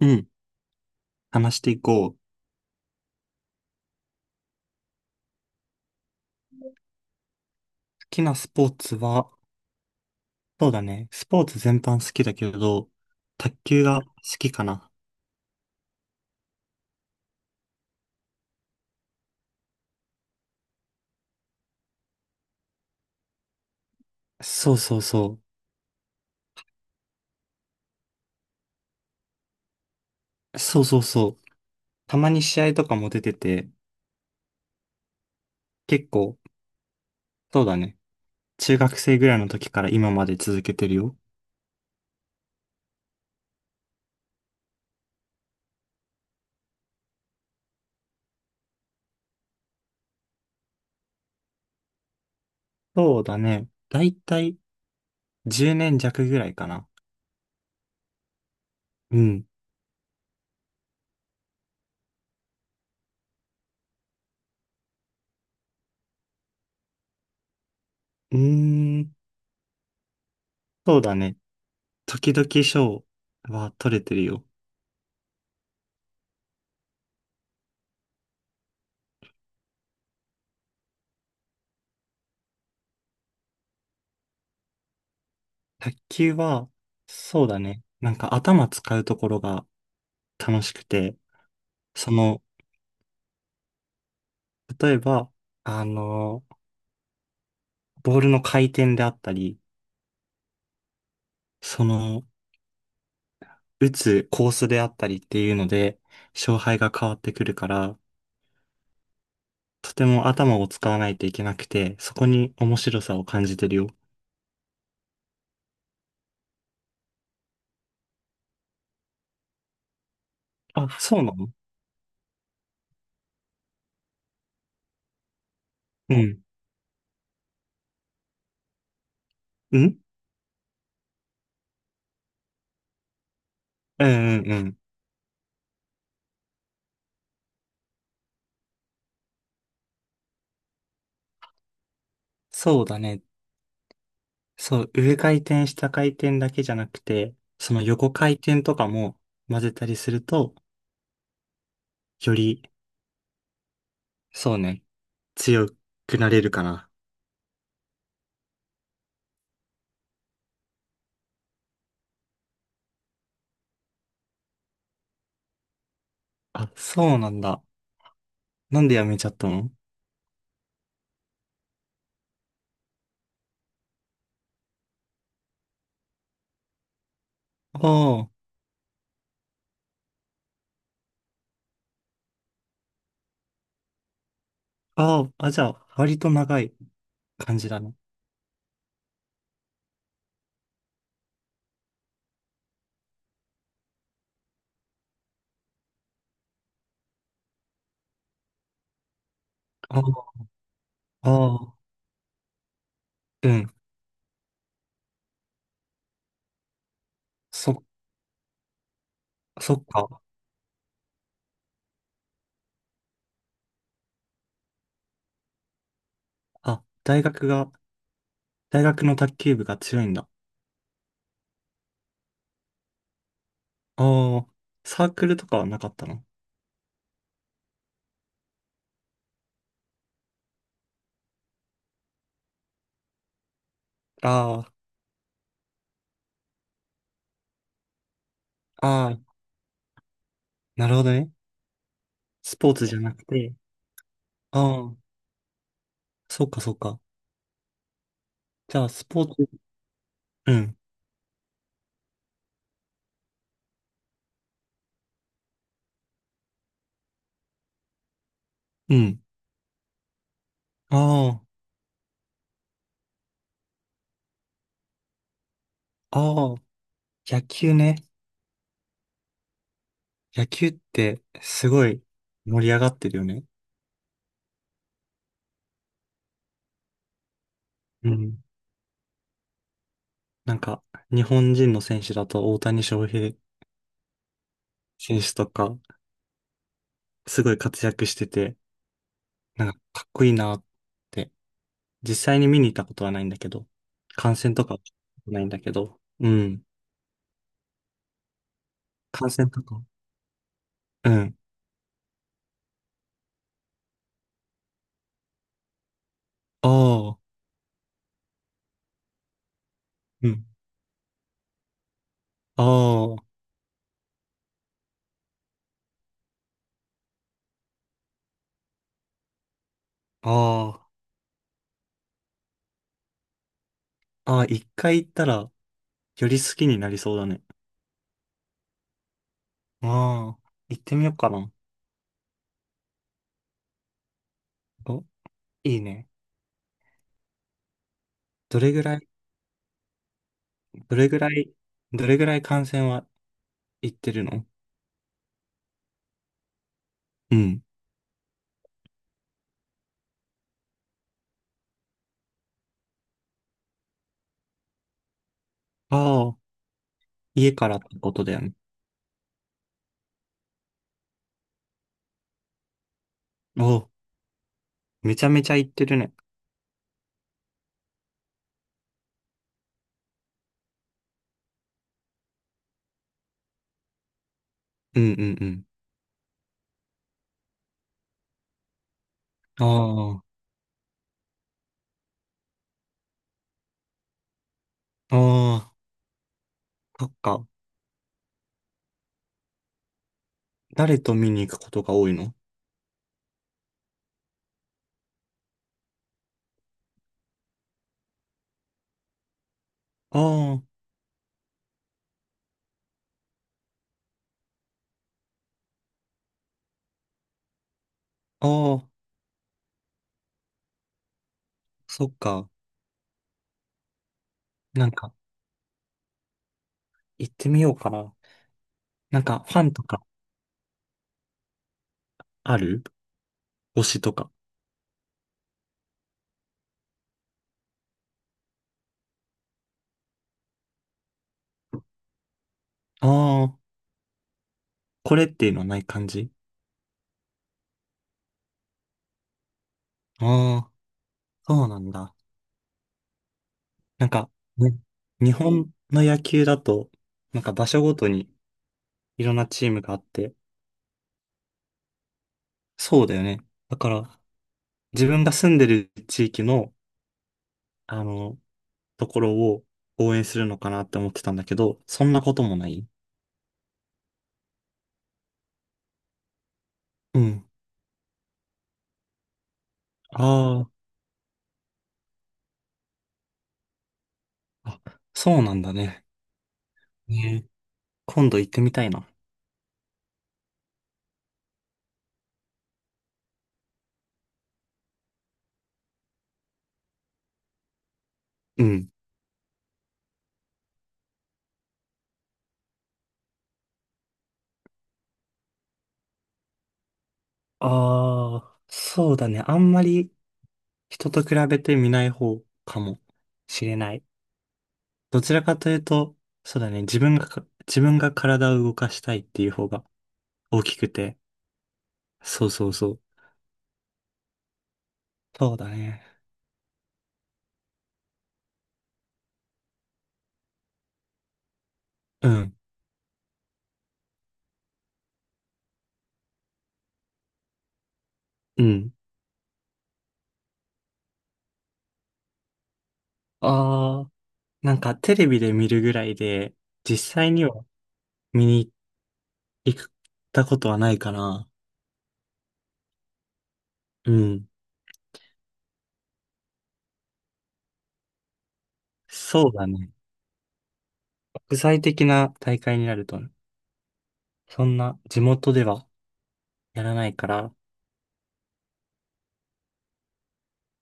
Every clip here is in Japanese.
うん。話していこう。好きなスポーツは、そうだね。スポーツ全般好きだけど、卓球が好きかな。そうそうそう。そうそうそう。たまに試合とかも出てて、結構、そうだね。中学生ぐらいの時から今まで続けてるよ。そうだね。だいたい10年弱ぐらいかな。うん。うーん。そうだね。時々賞は取れてるよ。卓球は、そうだね。なんか頭使うところが楽しくて、その、例えば、あの、ボールの回転であったり、その、打つコースであったりっていうので、勝敗が変わってくるから、とても頭を使わないといけなくて、そこに面白さを感じてるよ。あ、そうなの？うん。うんうんうんうん。そうだね。そう、上回転、下回転だけじゃなくて、その横回転とかも混ぜたりすると、より、そうね、強くなれるかな。あ、そうなんだ。なんでやめちゃったの？ああ、ああ、あ、じゃあ、割と長い感じだね。ああ、ああ、うん。そ、そっか。あ、大学が、大学の卓球部が強いんだ。ああ、サークルとかはなかったの？ああ、ああ、なるほどね。スポーツじゃなくて、ああ、そっかそっか。じゃあ、スポーツ、うん、うん。ああ、ああ、野球ね。野球ってすごい盛り上がってるよね。うん。なんか、日本人の選手だと大谷翔平選手とか、すごい活躍してて、なんかかっこいいなって、実際に見に行ったことはないんだけど、観戦とかはないんだけど、うん。観戦とか。うん。ああ、うん。ああ、ああ、ああ、一回行ったら、より好きになりそうだね。ああ、行ってみようかな。お、いいね。どれぐらい、どれぐらい、どれぐらい観戦は行ってるの？うん。ああ。家からってことだよね。お、めちゃめちゃ行ってるね。うんうんうん。ああ、ああ、そっか。誰と見に行くことが多いの？ああ、ああ、そっか。なんか、行ってみようかな。なんか、ファンとかある推しとか。ああ、これっていうのはない感じ？ああ、そうなんだ。なんか、ね、日本の野球だと、なんか場所ごとにいろんなチームがあって、そうだよね。だから、自分が住んでる地域の、あの、ところを応援するのかなって思ってたんだけど、そんなこともない？うん。ああ、あ、そうなんだね。ね、今度行ってみたいな。うん。ああ、そうだね。あんまり人と比べてみない方かもしれない。どちらかというと、そうだね。自分がか、自分が体を動かしたいっていう方が大きくて。そうそうそう。そうだね。うん。うん。ああ、なんかテレビで見るぐらいで、実際には見に行ったことはないかな。うん。そうだね。国際的な大会になると、そんな地元ではやらないから、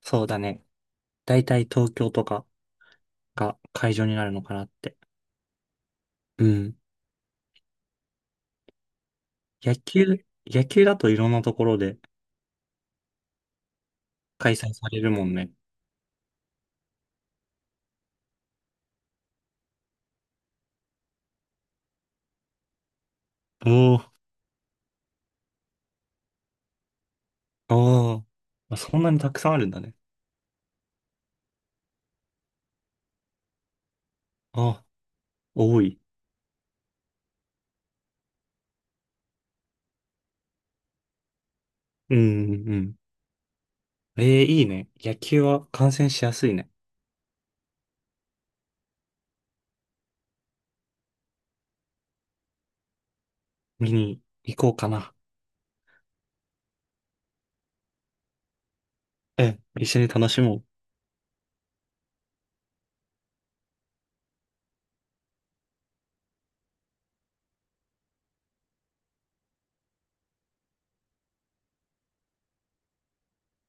そうだね。だいたい東京とかが会場になるのかなって。うん。野球、野球だといろんなところで開催されるもんね。おー、おー。あ、そんなにたくさんあるんだね。あ、多い。うん、うんうん。えー、いいね。野球は観戦しやすいね。見に行こうかな。ええ、一緒に楽しもう。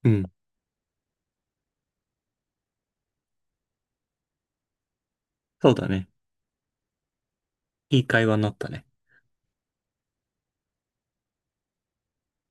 うん。そうだね。いい会話になったね。